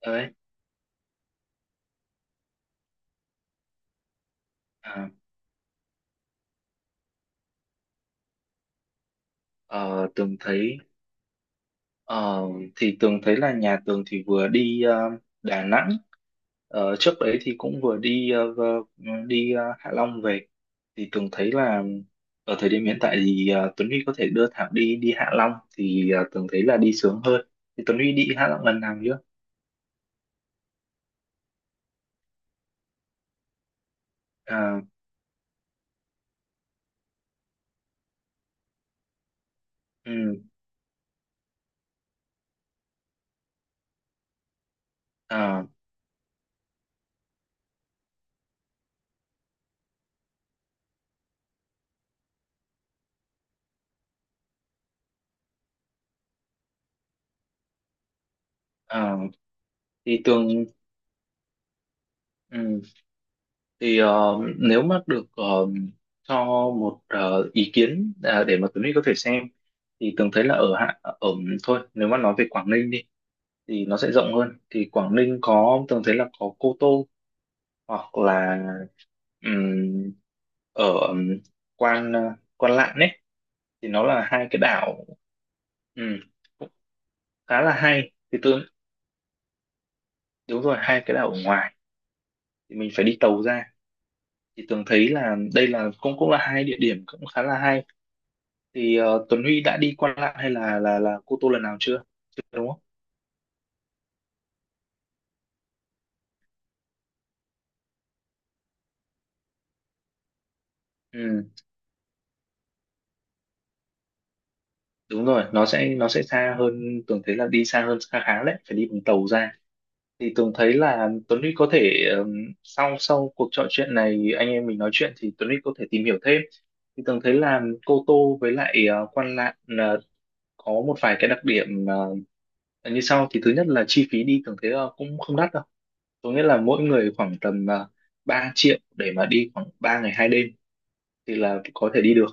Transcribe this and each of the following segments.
Đấy. À, ờ, Tường thấy ờ, thì Tường thấy là nhà Tường thì vừa đi Đà Nẵng. Trước đấy thì cũng vừa đi đi Hạ Long về, thì Tường thấy là ở thời điểm hiện tại thì Tuấn Huy có thể đưa Thảo đi đi Hạ Long, thì Tường thấy là đi sướng hơn. Thì Tuấn Huy đi Hạ Long lần nào chưa? À, ừ, à, à, thì Tường ừ, thì nếu mà được, cho một ý kiến, à, để mà Tuấn Huy có thể xem. Thì Tường thấy là ở thôi, nếu mà nói về Quảng Ninh đi thì nó sẽ rộng hơn. Thì Quảng Ninh có, Tường thấy là có Cô Tô, hoặc là ừm, ở Quan ờ, Quan Lạn ấy, thì nó là hai cái đảo. ừm, Cũng khá là hay, thì Tường đúng rồi, hai cái đảo ở ngoài, thì mình phải đi tàu ra. Thì Tường thấy là đây là cũng cũng là hai địa điểm cũng khá là hay. Thì Tuấn Huy đã đi Quan Lạn hay là Cô Tô lần nào chưa? Chưa, đúng không? Đúng rồi, nó sẽ xa hơn. Tường thấy là đi xa hơn khá khá đấy, phải đi bằng tàu ra. Thì Tường thấy là Tuấn Huy có thể, sau sau cuộc trò chuyện này anh em mình nói chuyện, thì Tuấn Huy có thể tìm hiểu thêm. Thì Tường thấy là Cô Tô với lại Quan Lạn có một vài cái đặc điểm như sau. Thì thứ nhất là chi phí đi, Tường thấy cũng không đắt đâu. Có nghĩa là mỗi người khoảng tầm 3 triệu để mà đi khoảng 3 ngày 2 đêm thì là có thể đi được.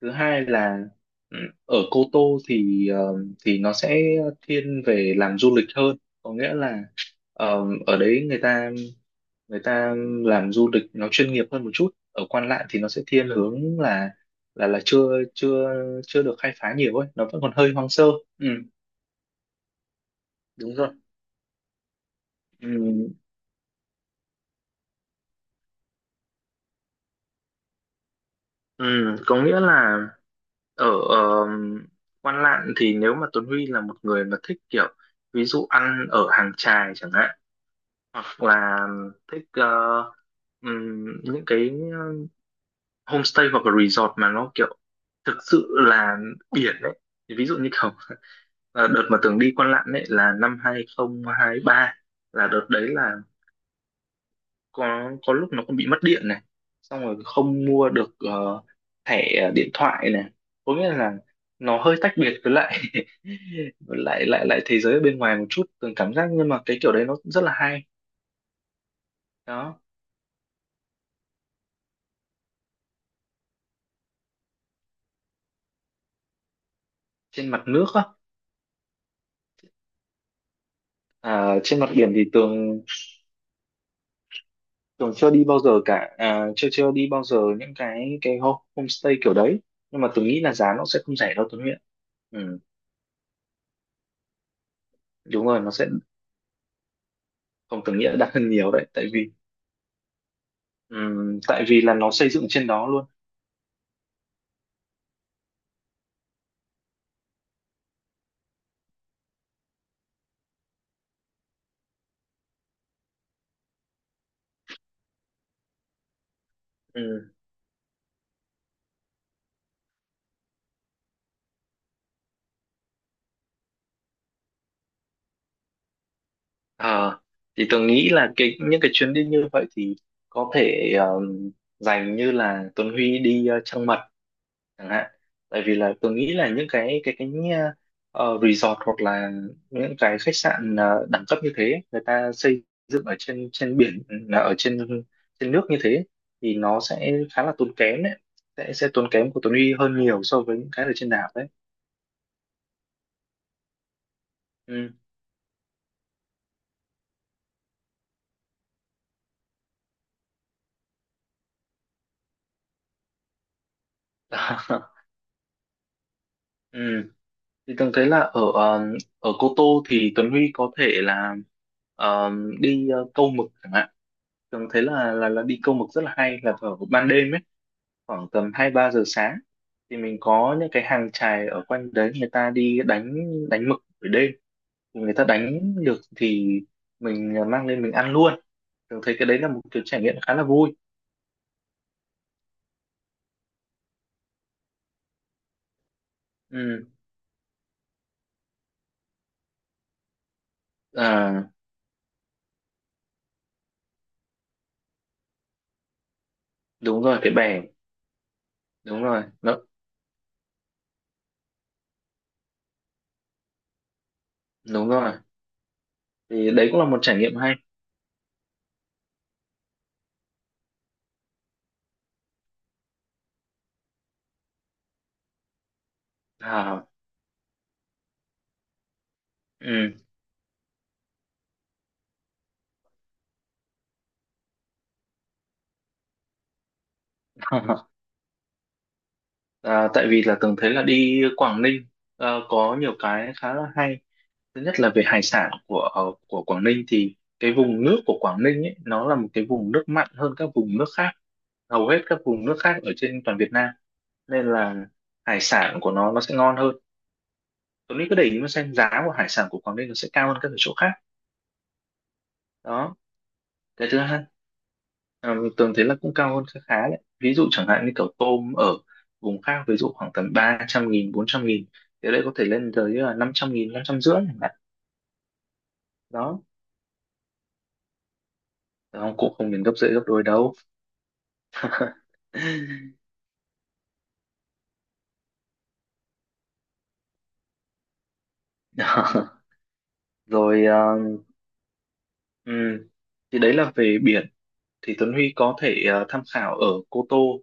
Thứ hai là, ừ, ở Cô Tô thì thì nó sẽ thiên về làm du lịch hơn. Có nghĩa là ở đấy người ta người ta làm du lịch nó chuyên nghiệp hơn một chút. Ở Quan Lạn thì nó sẽ thiên hướng là chưa chưa chưa được khai phá nhiều ấy, nó vẫn còn hơi hoang sơ. Ừ, đúng rồi. Ừ, ừ, có nghĩa là ở Quan Lạn thì nếu mà Tuấn Huy là một người mà thích kiểu ví dụ ăn ở hàng chài chẳng hạn, hoặc là thích những cái homestay hoặc là resort mà nó kiểu thực sự là biển đấy. Thì ví dụ như kiểu đợt mà Tường đi Quan Lạn đấy là 2023, là đợt đấy là có lúc nó còn bị mất điện này, xong rồi không mua được thẻ điện thoại này. Có nghĩa là nó hơi tách biệt với lại với lại lại lại thế giới ở bên ngoài một chút, Tường cảm giác. Nhưng mà cái kiểu đấy nó rất là hay. Đó, trên mặt nước á? À, trên mặt biển thì Tường, Tường chưa đi bao giờ cả. À, chưa, chưa đi bao giờ những cái ho- homestay kiểu đấy. Nhưng mà Tường nghĩ là giá nó sẽ không rẻ đâu, Tuấn Nguyễn. Ừ, đúng rồi, nó sẽ, không, Tường nghĩ là đắt hơn nhiều đấy, tại vì là nó xây dựng trên đó luôn. Ừ. À, thì Tường nghĩ là cái những cái chuyến đi như vậy thì có thể dành như là Tuấn Huy đi Trăng Mật chẳng hạn. Tại vì là tôi nghĩ là những cái resort hoặc là những cái khách sạn đẳng cấp như thế người ta xây dựng ở trên trên biển, là ở trên trên nước như thế, thì nó sẽ khá là tốn kém đấy. Sẽ tốn kém của Tuấn Huy hơn nhiều so với những cái ở trên đảo đấy. Ừ. Ừ. Thì tôi thấy là ở ở Cô Tô thì Tuấn Huy có thể là ờ, đi câu mực chẳng hạn. Tôi thấy là đi câu mực rất là hay, là vào ban đêm ấy, khoảng tầm 2-3 giờ sáng. Thì mình có những cái hàng chài ở quanh đấy, người ta đi đánh, đánh mực buổi đêm, người ta đánh được thì mình mang lên mình ăn luôn. Thường thấy cái đấy là một kiểu trải nghiệm khá là vui. Ừ. À, đúng rồi, cái bè. Đúng rồi, nó đúng rồi. Thì đấy cũng là một trải nghiệm hay. À, ừ. À, tại vì là tưởng thấy là đi Quảng Ninh, à, có nhiều cái khá là hay. Thứ nhất là về hải sản của của Quảng Ninh, thì cái vùng nước của Quảng Ninh ấy nó là một cái vùng nước mặn hơn các vùng nước khác, hầu hết các vùng nước khác ở trên toàn Việt Nam, nên là hải sản của nó sẽ ngon hơn. Tuấn Mỹ cứ để ý mà xem, giá của hải sản của Quảng Ninh nó sẽ cao hơn ở chỗ khác. Đó. Cái thứ hai, Tường thấy là cũng cao hơn khá khá đấy, ví dụ chẳng hạn như kiểu tôm ở vùng khác ví dụ khoảng tầm 300.000 400.000, thì ở đây có thể lên tới là 500.000 550 chẳng hạn. Đó. Đó, cũng không đến gấp rưỡi gấp đôi đâu. Rồi, ừm, thì đấy là về biển. Thì Tuấn Huy có thể tham khảo ở Cô Tô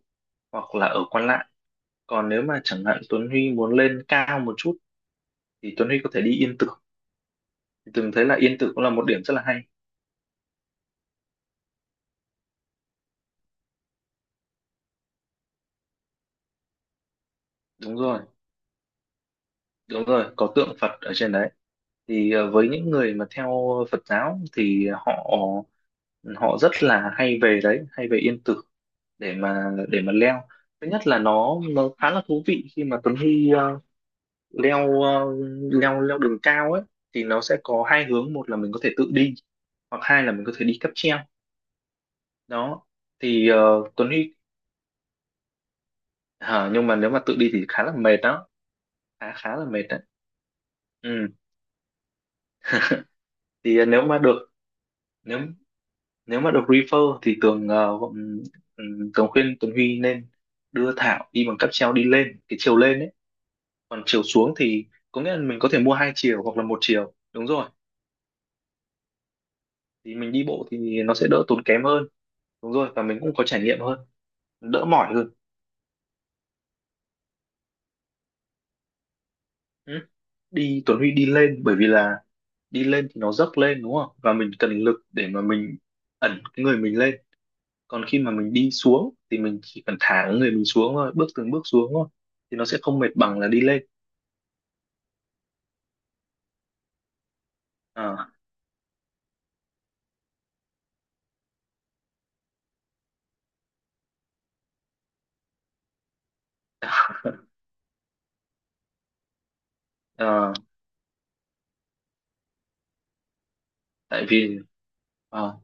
hoặc là ở Quan Lạn. Còn nếu mà chẳng hạn Tuấn Huy muốn lên cao một chút thì Tuấn Huy có thể đi Yên Tử. Thì từng thấy là Yên Tử cũng là một điểm rất là hay. Đúng rồi, đúng rồi, có tượng Phật ở trên đấy. Thì với những người mà theo Phật giáo thì họ họ rất là hay về đấy, hay về Yên Tử để mà leo. Thứ nhất là nó khá là thú vị khi mà Tuấn Huy leo leo leo đường cao ấy. Thì nó sẽ có hai hướng, một là mình có thể tự đi, hoặc hai là mình có thể đi cáp treo. Đó, thì Tuấn Huy hả? Nhưng mà nếu mà tự đi thì khá là mệt đó, khá khá là mệt đấy. Ừ. Thì nếu mà được, nếu nếu mà được refer thì Tường, Tường khuyên Tuấn Huy nên đưa Thảo đi bằng cáp treo, đi lên cái chiều lên ấy, còn chiều xuống thì có nghĩa là mình có thể mua hai chiều hoặc là một chiều. Đúng rồi, thì mình đi bộ thì nó sẽ đỡ tốn kém hơn. Đúng rồi, và mình cũng có trải nghiệm hơn, đỡ mỏi hơn. Ừ. Đi Tuấn Huy đi lên, bởi vì là đi lên thì nó dốc lên đúng không, và mình cần lực để mà mình ẩn cái người mình lên. Còn khi mà mình đi xuống thì mình chỉ cần thả cái người mình xuống thôi, bước từng bước xuống thôi, thì nó sẽ không mệt bằng là đi lên. Ờ, ờ, tại vì ờ,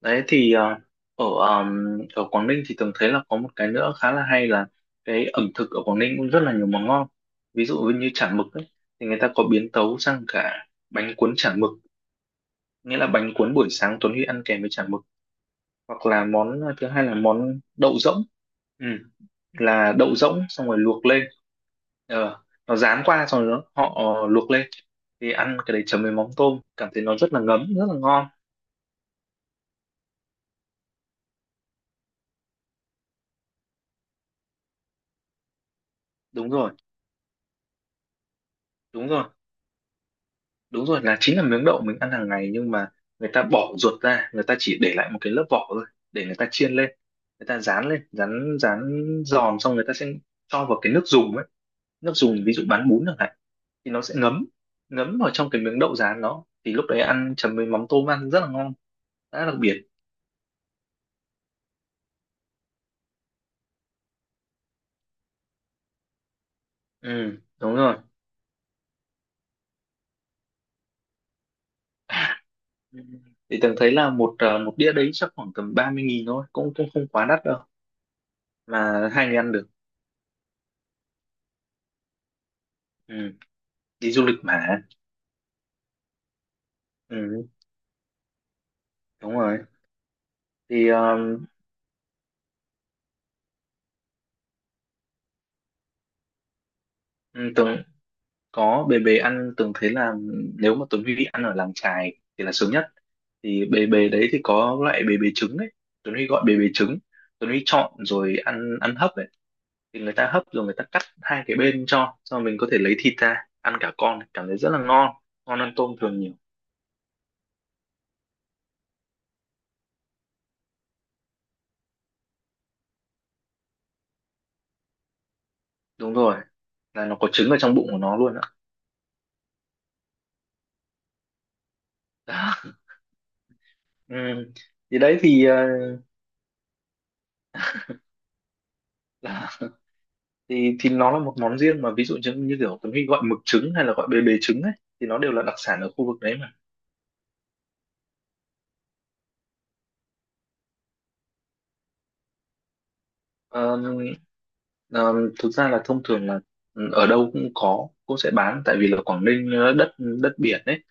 đấy, thì ở ở Quảng Ninh thì từng thấy là có một cái nữa khá là hay, là cái ẩm thực ở Quảng Ninh cũng rất là nhiều món ngon. Ví dụ như chả mực ấy, thì người ta có biến tấu sang cả bánh cuốn chả mực, nghĩa là bánh cuốn buổi sáng Tuấn Huy ăn kèm với chả mực. Hoặc là món thứ hai là món đậu rỗng. Ừ. Là đậu rỗng xong rồi luộc lên. ờ, nó rán qua xong rồi nó- họ luộc lên, thì ăn cái đấy chấm với mắm tôm, cảm thấy nó rất là ngấm, rất là ngon. Đúng rồi, đúng rồi. Đúng rồi, là chính là miếng đậu mình ăn hàng ngày, nhưng mà người ta bỏ ruột ra, người ta chỉ để lại một cái lớp vỏ thôi, để người ta chiên lên, người ta rán lên, rán rán giòn, xong người ta sẽ cho vào cái nước dùng ấy, nước dùng ví dụ bán bún chẳng hạn, thì nó sẽ ngấm, vào trong cái miếng đậu rán đó, thì lúc đấy ăn chấm với mắm tôm, ăn rất là ngon, rất đặc biệt. Ừ, đúng rồi. Ừ. Thì tưởng thấy là một một đĩa đấy chắc khoảng tầm 30.000 thôi, cũng cũng không quá đắt đâu, mà hai người ăn được. Ừ, đi du lịch mà. Ừ, đúng rồi. Thì tưởng có bề bề ăn, tưởng thấy là nếu mà Tuấn Huy ăn ở làng chài thì là sướng nhất. Thì bề bề đấy thì có loại bề bề trứng ấy, Tuấn Huy gọi bề bề trứng, Tuấn Huy chọn rồi ăn ăn hấp ấy, thì người ta hấp rồi người ta cắt hai cái bên cho mình có thể lấy thịt ra ăn cả con, cảm thấy rất là ngon, ngon hơn tôm thường nhiều. Đúng rồi, là nó có trứng ở trong bụng của nó luôn ạ. Đó. Ừ. Thì đấy thì là, thì nó là một món riêng, mà ví dụ như, như kiểu Tuấn Huy gọi mực trứng hay là gọi bề bề trứng ấy, thì nó đều là đặc sản ở khu vực đấy mà. Ờ, ờ, thực ra là thông thường là, ừ, ở đâu cũng có, cũng sẽ bán, tại vì là Quảng Ninh đất đất biển ấy,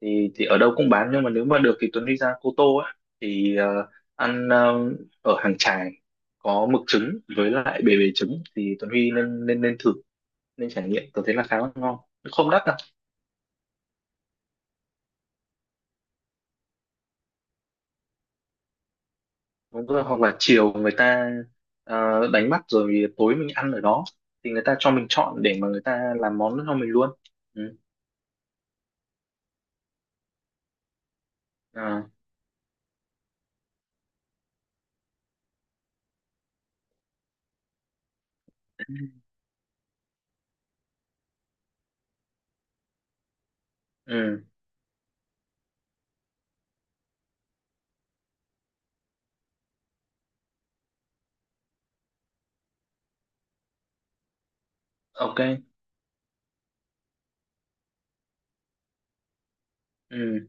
thì ở đâu cũng bán. Nhưng mà nếu mà được thì Tuấn đi ra Cô Tô á, thì ăn ở hàng chài, có mực trứng với lại bề bề trứng, thì Tuấn Huy nên nên nên thử, nên trải nghiệm. Tôi thấy là khá là ngon, không đắt đâu. Đúng rồi, hoặc là chiều người ta đánh bắt rồi tối mình ăn ở đó, thì người ta cho mình chọn để mà người ta làm món cho mình luôn. Ừ. Ờ. Ừ, ok. Ừ,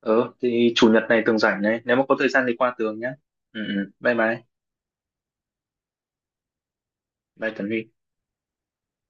ừ, thì chủ nhật này Tường rảnh này, nếu mà có thời gian thì qua Tường nhé. Ừ, ừ, bye bye. Bye Tấn Huy.